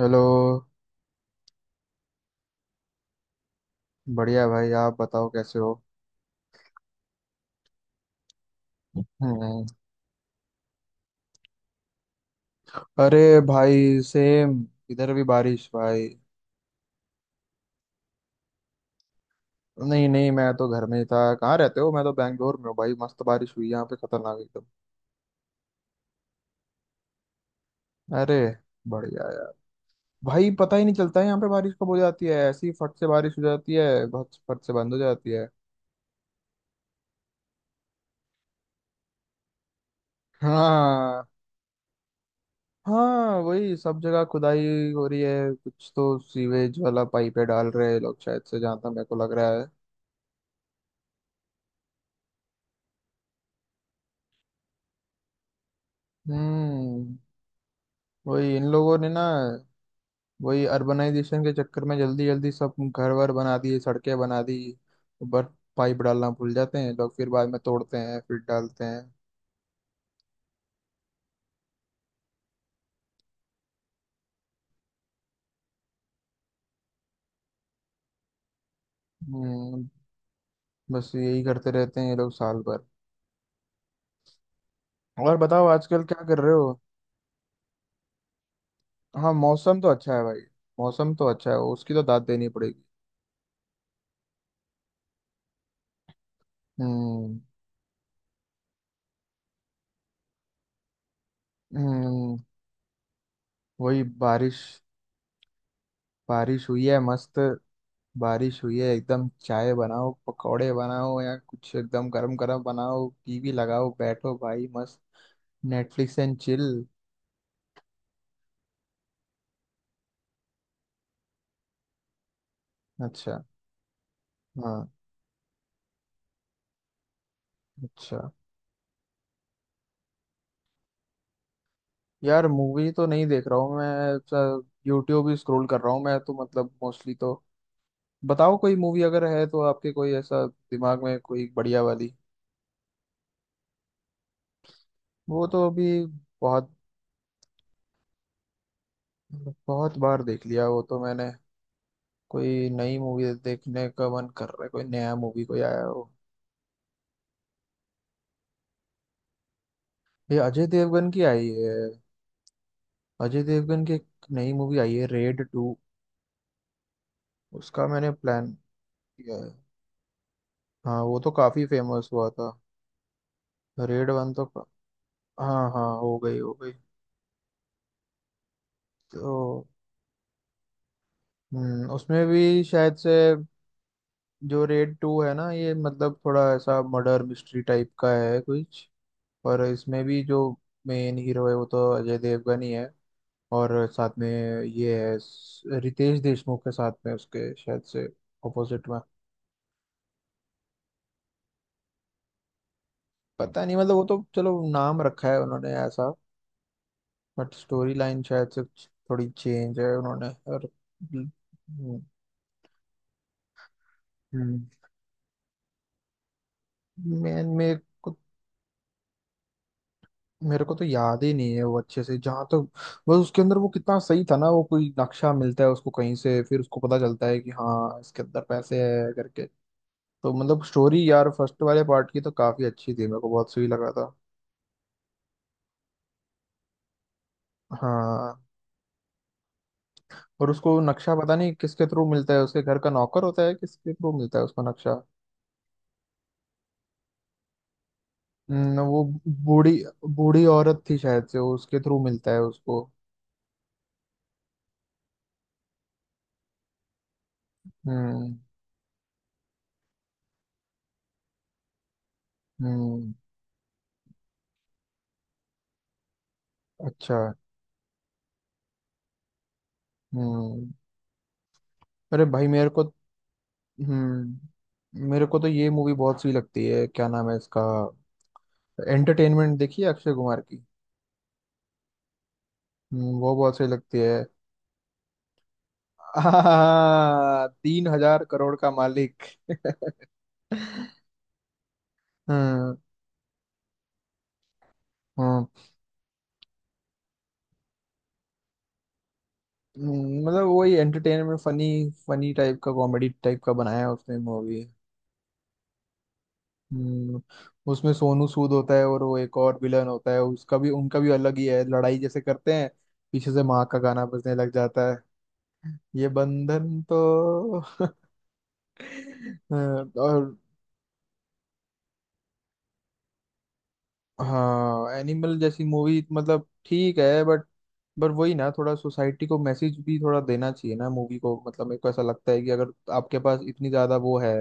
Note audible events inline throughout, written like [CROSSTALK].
Hello. बढ़िया भाई, आप बताओ कैसे हो? हम्म। अरे, भाई सेम, इधर भी बारिश भाई। नहीं नहीं, मैं तो घर में ही था। कहाँ रहते हो? मैं तो बैंगलोर में हूँ भाई, मस्त बारिश हुई यहाँ पे, खतरनाक एकदम। अरे, बढ़िया यार। भाई पता ही नहीं चलता है यहाँ पे बारिश कब हो जाती है, ऐसी फट से बारिश हो जाती है, फट फट से बंद हो जाती है। हाँ। हाँ, वही सब जगह खुदाई हो रही है। कुछ तो सीवेज वाला पाइप डाल रहे हैं लोग शायद से, जहाँ तक मेरे को लग रहा है। हम्म। वही इन लोगों ने ना। वही अर्बनाइजेशन के चक्कर में जल्दी जल्दी सब घर वर बना दिए, सड़कें बना दी। ऊपर पाइप डालना भूल जाते हैं लोग, फिर बाद में तोड़ते हैं, फिर डालते हैं। हम्म, बस यही करते रहते हैं ये लोग साल भर। और बताओ, आजकल क्या कर रहे हो? हाँ, मौसम तो अच्छा है भाई। मौसम तो अच्छा है, उसकी तो दाद देनी पड़ेगी। हम्म। हम्म, वही बारिश। बारिश हुई है मस्त। बारिश हुई है एकदम, चाय बनाओ, पकौड़े बनाओ या कुछ एकदम गरम गरम बनाओ, टीवी लगाओ, बैठो भाई मस्त। Netflix and chill. अच्छा। हाँ। अच्छा। यार मूवी तो नहीं देख रहा हूँ मैं, यूट्यूब ही स्क्रॉल कर रहा हूँ मैं तो, मतलब मोस्टली तो। बताओ कोई मूवी अगर है तो आपके, कोई ऐसा दिमाग में कोई बढ़िया वाली। वो तो अभी। बहुत बहुत बार देख लिया वो तो मैंने। कोई नई मूवी देखने का मन कर रहा है, कोई नया मूवी कोई आया हो। ये अजय देवगन की आई है। अजय देवगन की एक नई मूवी आई है, रेड 2। उसका मैंने प्लान किया है। हाँ, वो तो काफी फेमस हुआ था। रेड 1 तो हाँ हाँ, हो गई हो गई। तो उसमें भी शायद से। जो रेड 2 है ना ये, मतलब थोड़ा ऐसा मर्डर मिस्ट्री टाइप का है कुछ। और इसमें भी जो मेन हीरो है, वो तो अजय देवगन ही है। और साथ में ये है रितेश देशमुख के साथ में, उसके शायद से अपोजिट में। पता नहीं, मतलब वो तो चलो नाम रखा है उन्होंने ऐसा। बट स्टोरी लाइन शायद से कुछ थोड़ी चेंज है उन्होंने, और। हम्म। मैं मेरे को तो याद ही नहीं है वो अच्छे से, जहाँ तक। बस उसके अंदर वो कितना सही था ना, वो कोई नक्शा मिलता है उसको कहीं से, फिर उसको पता चलता है कि हाँ इसके अंदर पैसे है करके। तो मतलब स्टोरी यार फर्स्ट वाले पार्ट की तो काफी अच्छी थी, मेरे को बहुत सही लगा था। हाँ। और उसको नक्शा पता नहीं किसके थ्रू मिलता है, उसके घर का नौकर होता है, किसके थ्रू मिलता है उसको नक्शा? वो बूढ़ी। बूढ़ी औरत थी शायद से, उसके थ्रू मिलता है उसको। हम्म। हम्म। अच्छा। हम्म। अरे भाई, मेरे को। हम्म। मेरे को तो ये मूवी बहुत सही लगती है, क्या नाम है इसका? एंटरटेनमेंट देखिए, अक्षय कुमार की। वो बहुत सही लगती है। हाँ, 3,000 करोड़ का मालिक। [LAUGHS] हाँ हाँ। मतलब वही एंटरटेनमेंट फनी फनी टाइप का, कॉमेडी टाइप का बनाया है उसने मूवी। हम्म, उसमें सोनू सूद होता है, और वो एक और विलन होता है, उसका भी उनका भी अलग ही है, लड़ाई जैसे करते हैं। पीछे से माँ का गाना बजने लग जाता है। ये बंधन तो। [LAUGHS] अ, और हाँ, एनिमल जैसी मूवी मतलब ठीक है, बट। पर वही ना, थोड़ा सोसाइटी को मैसेज भी थोड़ा देना चाहिए ना मूवी को, मतलब मेरे को ऐसा लगता है कि अगर आपके पास इतनी ज्यादा वो है।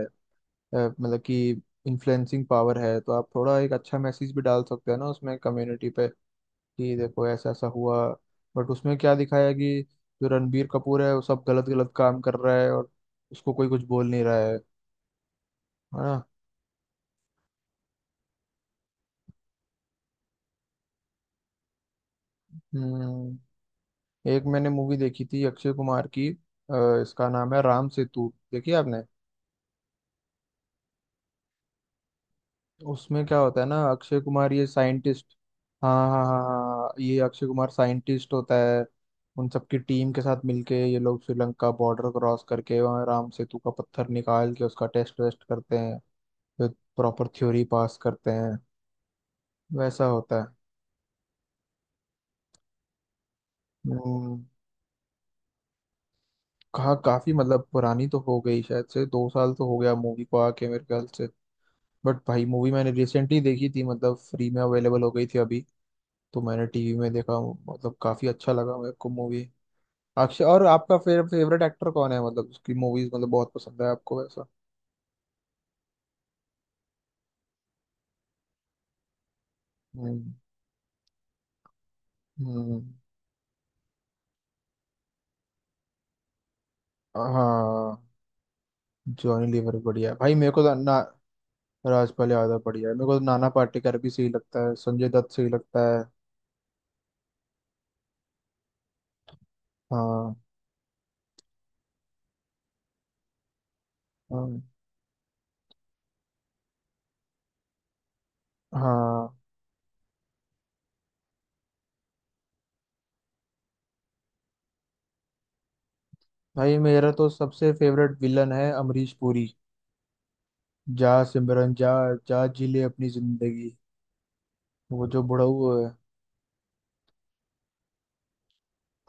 मतलब कि। इन्फ्लुएंसिंग पावर है तो आप थोड़ा एक अच्छा मैसेज भी डाल सकते हैं ना उसमें कम्युनिटी पे। कि देखो ऐसा ऐसा हुआ। बट उसमें क्या दिखाया कि। जो रणबीर कपूर है वो सब गलत गलत काम कर रहा है, और। उसको कोई कुछ बोल नहीं रहा है। है ना? हम्म। एक मैंने मूवी देखी थी अक्षय कुमार की, इसका नाम है राम सेतु, देखी आपने? उसमें क्या होता है ना, अक्षय कुमार ये साइंटिस्ट। हाँ हाँ हाँ हाँ हाँ, ये अक्षय कुमार साइंटिस्ट होता है। उन सबकी टीम के साथ मिलके ये लोग श्रीलंका बॉर्डर क्रॉस करके वहाँ राम सेतु का पत्थर निकाल के उसका टेस्ट वेस्ट करते हैं। फिर। प्रॉपर थ्योरी पास करते हैं। वैसा होता है। हम्म, कहा काफी मतलब पुरानी तो हो गई शायद से, 2 साल तो हो गया मूवी को आके मेरे ख्याल से। बट भाई मूवी मैंने रिसेंटली देखी थी, मतलब फ्री में अवेलेबल हो गई थी अभी। तो मैंने टीवी में देखा। मतलब काफी अच्छा लगा मेरे को मूवी। अक्षय, और आपका फेवरेट एक्टर कौन है? मतलब उसकी मूवीज मतलब बहुत पसंद है आपको वैसा। हम्म हम्म, हाँ, जॉनी लीवर बढ़िया है। भाई मेरे को तो ना। राजपाल यादव बढ़िया है, मेरे को तो नाना पाटेकर भी सही लगता है, संजय दत्त सही लगता है। हाँ हाँ हाँ, भाई मेरा तो सबसे फेवरेट विलन है अमरीश पुरी। जा सिमरन जा। जा जी ले अपनी जिंदगी। वो जो बुढ़ऊ है।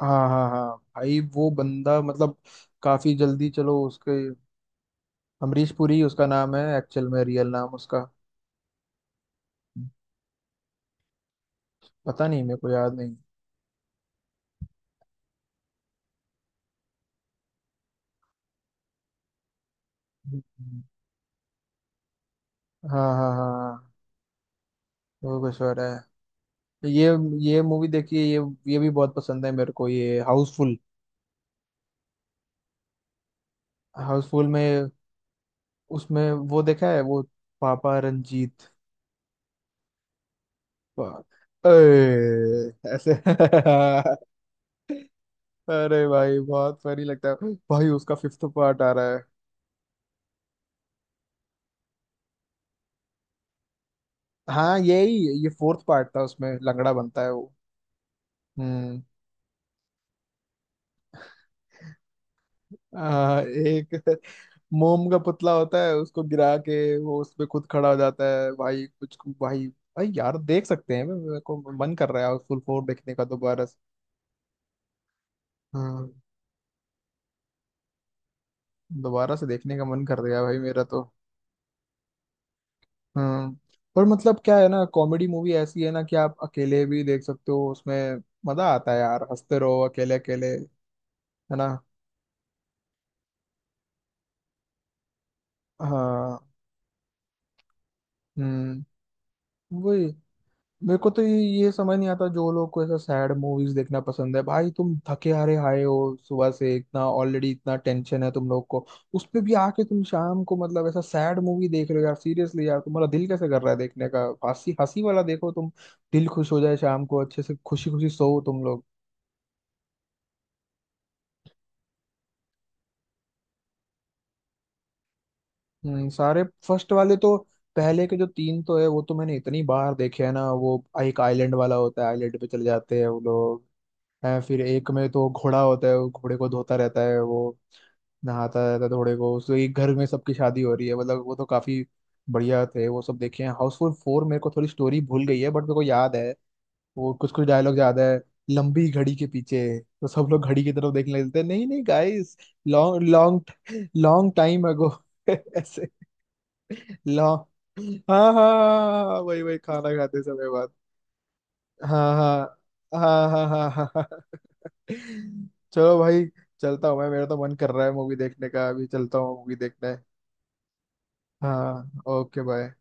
हाँ हाँ हाँ, भाई वो बंदा मतलब। काफी जल्दी चलो, उसके। अमरीश पुरी उसका नाम है एक्चुअल में, रियल नाम उसका। पता नहीं, मेरे को याद नहीं। हाँ हाँ हाँ हाँ, वो कुछ और है। तो ये मूवी देखिए ये। ये भी बहुत पसंद है मेरे को, ये हाउसफुल। हाउसफुल में। उसमें वो देखा है वो। पापा रंजीत। पा- ऐसे। [LAUGHS] अरे भाई, बहुत फनी लगता है भाई, उसका फिफ्थ पार्ट आ रहा है। हाँ यही। ये फोर्थ पार्ट था, उसमें लंगड़ा बनता है वो। हम्म। एक मोम का पुतला होता है, उसको गिरा के। वो उसपे खुद खड़ा हो जाता है भाई, कुछ भाई भाई यार, देख सकते हैं मेरे को। मन कर रहा है फुल फोर देखने का दोबारा से। हाँ। दोबारा से देखने का मन कर गया भाई मेरा तो। हम्म। पर मतलब क्या है ना, कॉमेडी मूवी ऐसी है ना कि आप अकेले भी देख सकते हो उसमें। मजा आता है यार, हंसते रहो अकेले अकेले, है ना? हाँ। हम्म। वही। मेरे को तो ये समझ नहीं आता, जो लोग को ऐसा सैड मूवीज देखना पसंद है। भाई तुम थके हारे आए हो। सुबह से इतना ऑलरेडी इतना टेंशन है तुम लोग को। उस पे भी आके तुम शाम को मतलब ऐसा सैड मूवी देख रहे हो यार, सीरियसली यार तुम्हारा दिल कैसे कर रहा है देखने का? हंसी हंसी वाला देखो तुम। दिल खुश हो जाए, शाम को अच्छे से खुशी खुशी सो तुम लोग। सारे। फर्स्ट वाले तो। पहले के जो तीन तो है वो तो मैंने इतनी बार देखे है ना, वो एक आइलैंड वाला होता है, आइलैंड पे चले जाते हैं वो लोग। है, फिर एक में तो घोड़ा होता है, वो घोड़े को धोता रहता है वो। नहाता रहता है घोड़े को, उसके एक घर में सबकी शादी हो रही है, मतलब वो तो काफी। बढ़िया थे वो सब देखे हैं। हाउसफुल 4 मेरे को थोड़ी स्टोरी भूल गई है, बट मेरे को याद है। वो कुछ कुछ डायलॉग याद है। लंबी घड़ी के पीछे। तो सब लोग घड़ी की तरफ देखने लगते हैं, नहीं नहीं guys. Long long. Long time अगो। [LAUGHS] ऐसे। लॉन्ग। हाँ हाँ। हाँ, वही वही खाना खाते समय बात। हाँ हाँ हाँ हाँ हाँ हाँ हाँ। चलो भाई। चलता हूँ मैं, मेरा तो मन कर रहा है मूवी देखने का, अभी चलता हूँ मूवी देखने। हाँ, ओके बाय।